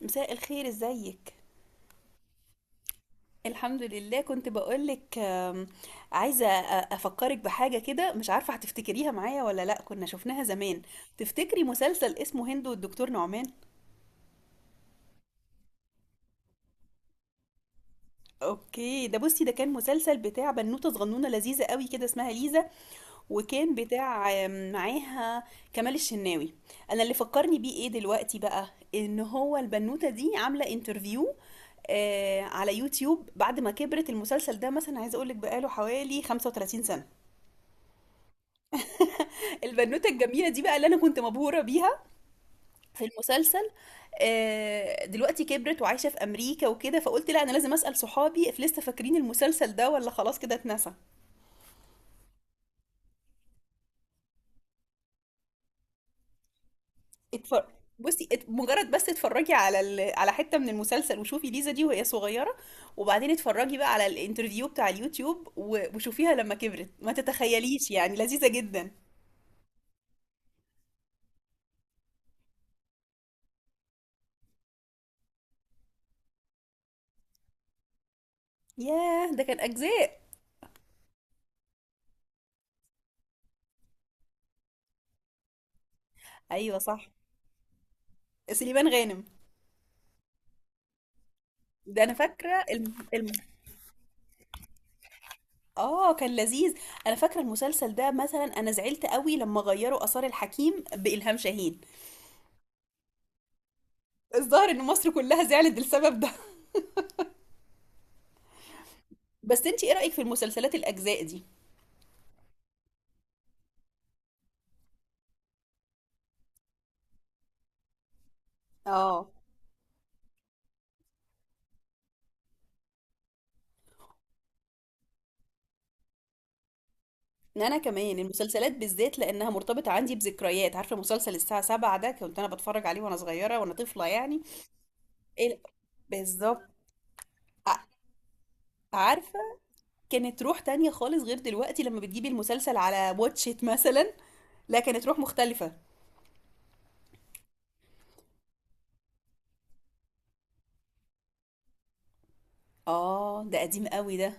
مساء الخير، ازيك؟ الحمد لله. كنت بقولك عايزة أفكرك بحاجة كده، مش عارفة هتفتكريها معايا ولا لأ. كنا شفناها زمان. تفتكري مسلسل اسمه هند والدكتور نعمان؟ اوكي. ده بصي، ده كان مسلسل بتاع بنوتة صغنونة لذيذة قوي كده اسمها ليزا. وكان بتاع معاها كمال الشناوي. انا اللي فكرني بيه ايه دلوقتي بقى، ان هو البنوتة دي عاملة انترفيو آه على يوتيوب بعد ما كبرت. المسلسل ده مثلا عايزه اقول لك بقاله حوالي 35 سنه. البنوته الجميله دي بقى اللي انا كنت مبهوره بيها في المسلسل. دلوقتي كبرت وعايشه في امريكا وكده، فقلت لا انا لازم اسال صحابي if لسه فاكرين المسلسل ده ولا خلاص كده اتنسى. اتفر... بصي، مجرد بس اتفرجي على على حتة من المسلسل وشوفي ليزا دي وهي صغيرة، وبعدين اتفرجي بقى على الانترفيو بتاع اليوتيوب وشوفيها لما كبرت. ما تتخيليش يعني، لذيذة جدا. ياه، ده كان أجزاء. أيوة صح، سليمان غانم. ده أنا فاكرة آه كان لذيذ. أنا فاكرة المسلسل ده مثلا أنا زعلت قوي لما غيروا آثار الحكيم بإلهام شاهين. الظاهر إن مصر كلها زعلت للسبب ده. بس انتي ايه رأيك في المسلسلات الأجزاء دي؟ اه، انا كمان المسلسلات بالذات لانها مرتبطه عندي بذكريات. عارفه مسلسل الساعه 7 ده؟ كنت انا بتفرج عليه وانا صغيره، وانا طفله يعني. ال- بالظبط. ع- عارفه، كانت روح تانية خالص غير دلوقتي لما بتجيبي المسلسل على واتشيت مثلا. لا، كانت روح مختلفه. اه ده قديم قوي ده،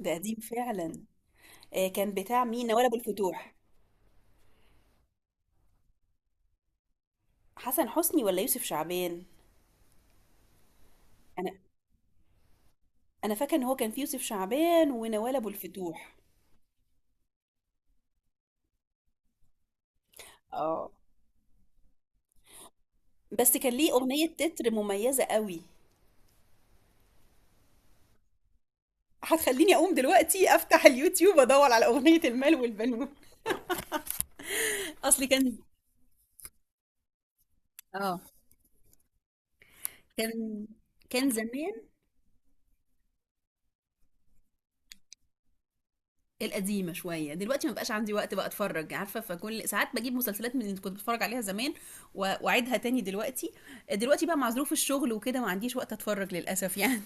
ده قديم فعلا. آه كان بتاع مين، نوال ابو الفتوح؟ حسن حسني ولا يوسف شعبان؟ انا انا فاكره ان هو كان في يوسف شعبان ونوال ابو الفتوح. اه، بس كان ليه اغنيه تتر مميزه قوي. هتخليني اقوم دلوقتي افتح اليوتيوب ادور على اغنية المال والبنون. اصلي كان، اه كان كان زمان. القديمه شويه. دلوقتي ما بقاش عندي وقت بقى اتفرج، عارفه؟ فكل ساعات بجيب مسلسلات من اللي كنت بتفرج عليها زمان واعيدها تاني دلوقتي. دلوقتي بقى مع ظروف الشغل وكده ما عنديش وقت اتفرج للاسف يعني.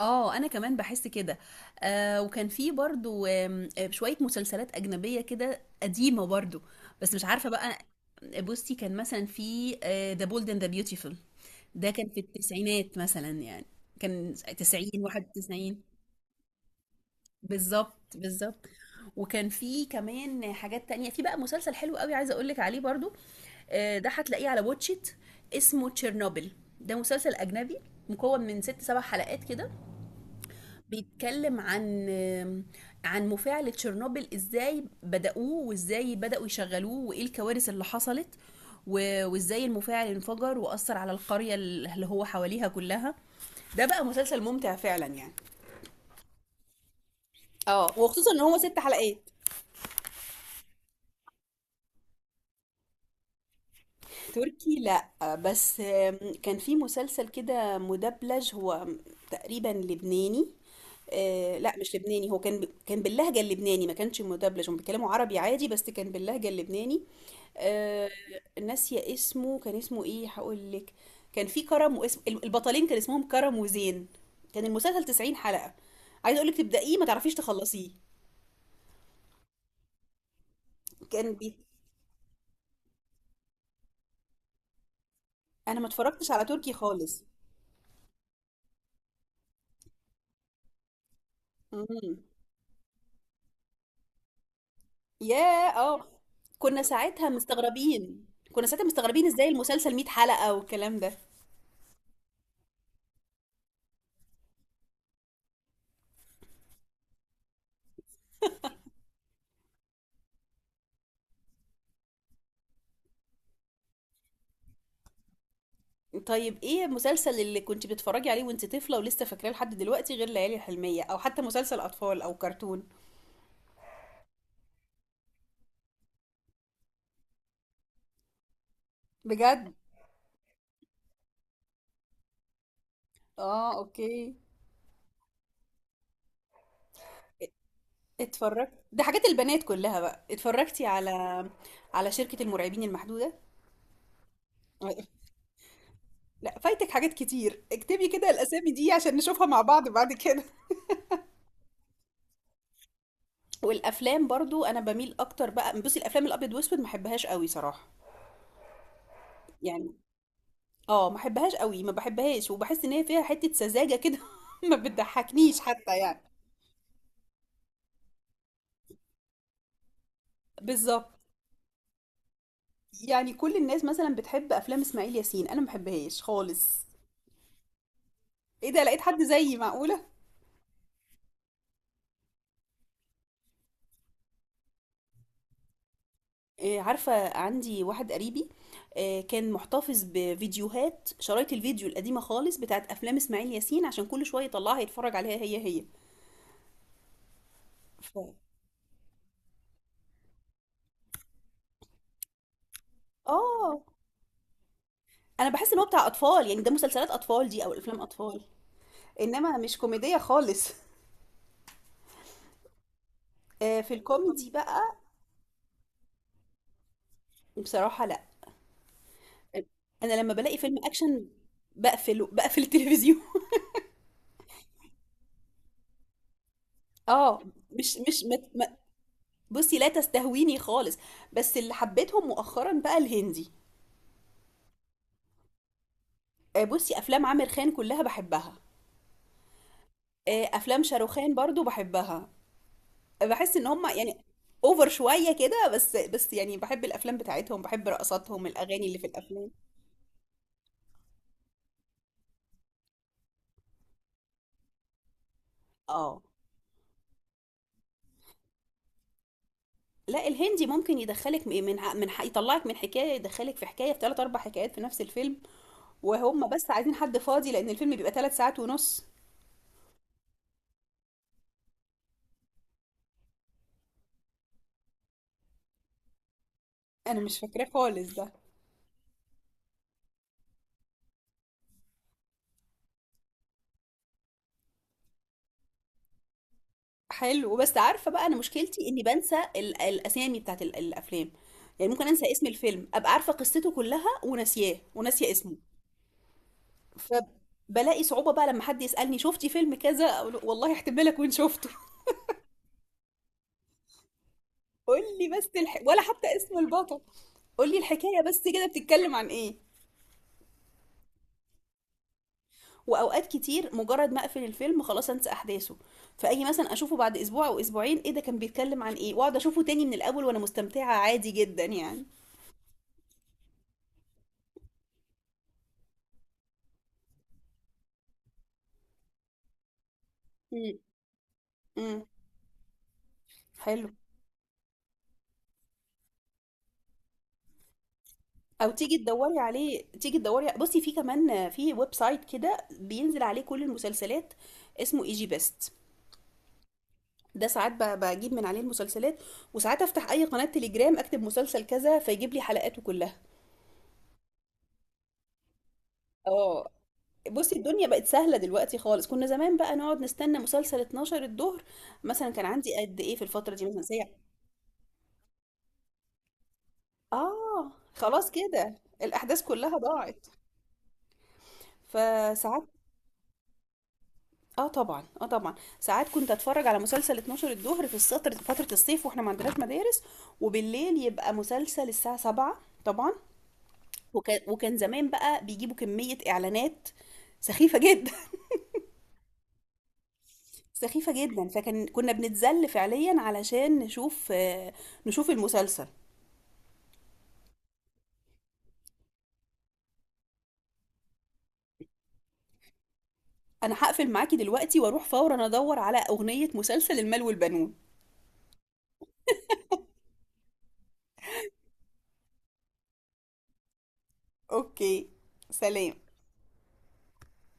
اه انا كمان بحس كده. آه، وكان في برضو آم، آه، شوية مسلسلات اجنبية كده قديمة برضو، بس مش عارفة بقى. بصي كان مثلا في ذا بولد اند ذا بيوتيفول. ده كان في التسعينات مثلا يعني، كان 90 91. بالظبط بالظبط. وكان في كمان حاجات تانية، في بقى مسلسل حلو قوي عايزة اقولك عليه برضو. ده هتلاقيه على واتشيت. اسمه تشيرنوبل. ده مسلسل اجنبي مكون من ست سبع حلقات كده. بيتكلم عن مفاعل تشيرنوبل ازاي بدأوه، وازاي بدأوا يشغلوه، وايه الكوارث اللي حصلت وازاي المفاعل انفجر وأثر على القرية اللي هو حواليها كلها. ده بقى مسلسل ممتع فعلا يعني. اه، وخصوصا ان هو ست حلقات. تركي لأ، بس كان في مسلسل كده مدبلج هو، تقريبا لبناني. لا مش لبناني، هو كان كان باللهجة اللبناني، ما كانش مدبلج. هم بيتكلموا عربي عادي بس كان باللهجة اللبناني. آه، ناسية اسمه، كان اسمه ايه هقول لك. كان في كرم، واسم البطلين كان اسمهم كرم وزين. كان المسلسل 90 حلقة. عايزة اقول لك، تبدأيه ما تعرفيش تخلصيه. كان بي... انا ما اتفرجتش على تركي خالص. مم. ياه اه. كنا ساعتها مستغربين، ازاي المسلسل 100 حلقة والكلام ده. طيب ايه المسلسل اللي كنت بتتفرجي عليه وانت طفلة ولسه فاكراه لحد دلوقتي، غير ليالي الحلمية، او حتى مسلسل اطفال او كرتون؟ بجد؟ اه اوكي. اتفرجت؟ ده حاجات البنات كلها بقى. اتفرجتي على شركة المرعبين المحدودة؟ لا، فايتك حاجات كتير. اكتبي كده الاسامي دي عشان نشوفها مع بعض بعد كده. والافلام برضو، انا بميل اكتر بقى، بصي، الافلام الابيض واسود ما بحبهاش قوي صراحه يعني. اه ما بحبهاش قوي، ما بحبهاش، وبحس ان هي فيها حته سذاجه كده. ما بتضحكنيش حتى يعني. بالظبط. يعني كل الناس مثلا بتحب افلام اسماعيل ياسين، انا ما بحبهاش خالص. ايه ده، لقيت حد زيي؟ معقوله؟ إيه، عارفه عندي واحد قريبي، كان محتفظ بفيديوهات، شرايط الفيديو القديمه خالص، بتاعت افلام اسماعيل ياسين، عشان كل شويه يطلعها يتفرج عليها هي هي. ف... اه، انا بحس ان هو بتاع اطفال يعني. ده مسلسلات اطفال دي، او الافلام اطفال، انما مش كوميديه خالص. في الكوميدي بقى. بصراحه لا. انا لما بلاقي فيلم اكشن، بقفله، بقفل التلفزيون. اه، مش بصي لا تستهويني خالص. بس اللي حبيتهم مؤخرا بقى الهندي. بصي افلام عامر خان كلها بحبها. افلام شاروخان برضو بحبها. بحس ان هم يعني اوفر شويه كده، بس يعني بحب الافلام بتاعتهم، بحب رقصاتهم، الاغاني اللي في الافلام. اه، لا الهندي ممكن يدخلك م- من يطلعك من حكايه يدخلك في حكايه، في ثلاث اربع حكايات في نفس الفيلم. وهم بس عايزين حد فاضي، لان الفيلم بيبقى ثلاث ساعات ونص. انا مش فاكراه خالص ده. حلو. بس عارفه بقى، انا مشكلتي اني بنسى الاسامي بتاعت الافلام. يعني ممكن انسى اسم الفيلم، ابقى عارفه قصته كلها وناسياه، وناسيه اسمه. فبلاقي صعوبه بقى لما حد يسالني شفتي فيلم كذا، اقول له والله احتمال اكون شفته. قول لي بس ولا حتى اسم البطل. قول لي الحكايه بس كده، بتتكلم عن ايه. واوقات كتير مجرد ما اقفل الفيلم خلاص انسى احداثه، فاجي مثلا اشوفه بعد اسبوع او اسبوعين، ايه ده، كان بيتكلم عن ايه، واقعد اشوفه تاني من الاول وانا مستمتعة عادي جدا يعني. امم، امم. حلو. او تيجي تدوري عليه، تيجي تدوري بصي في كمان، في ويب سايت كده بينزل عليه كل المسلسلات، اسمه اي جي بيست. ده ساعات بجيب من عليه المسلسلات، وساعات افتح اي قناة تليجرام، اكتب مسلسل كذا فيجيب لي حلقاته كلها. اه. بصي الدنيا بقت سهلة دلوقتي خالص. كنا زمان بقى نقعد نستنى مسلسل 12 الظهر مثلا، كان عندي قد ايه في الفترة دي، مثلا ساعة. اه، خلاص كده، الأحداث كلها ضاعت. فساعات، اه طبعا، اه طبعا، ساعات كنت اتفرج على مسلسل 12 الظهر في السطر فترة الصيف واحنا ما عندناش مدارس، وبالليل يبقى مسلسل الساعة 7. طبعا. وكان زمان بقى بيجيبوا كمية إعلانات سخيفة جدا. سخيفة جدا. كنا بنتذل فعليا علشان نشوف نشوف المسلسل. انا هقفل معاكي دلوقتي واروح فورا ادور على اغنية مسلسل المال والبنون. اوكي، سلام.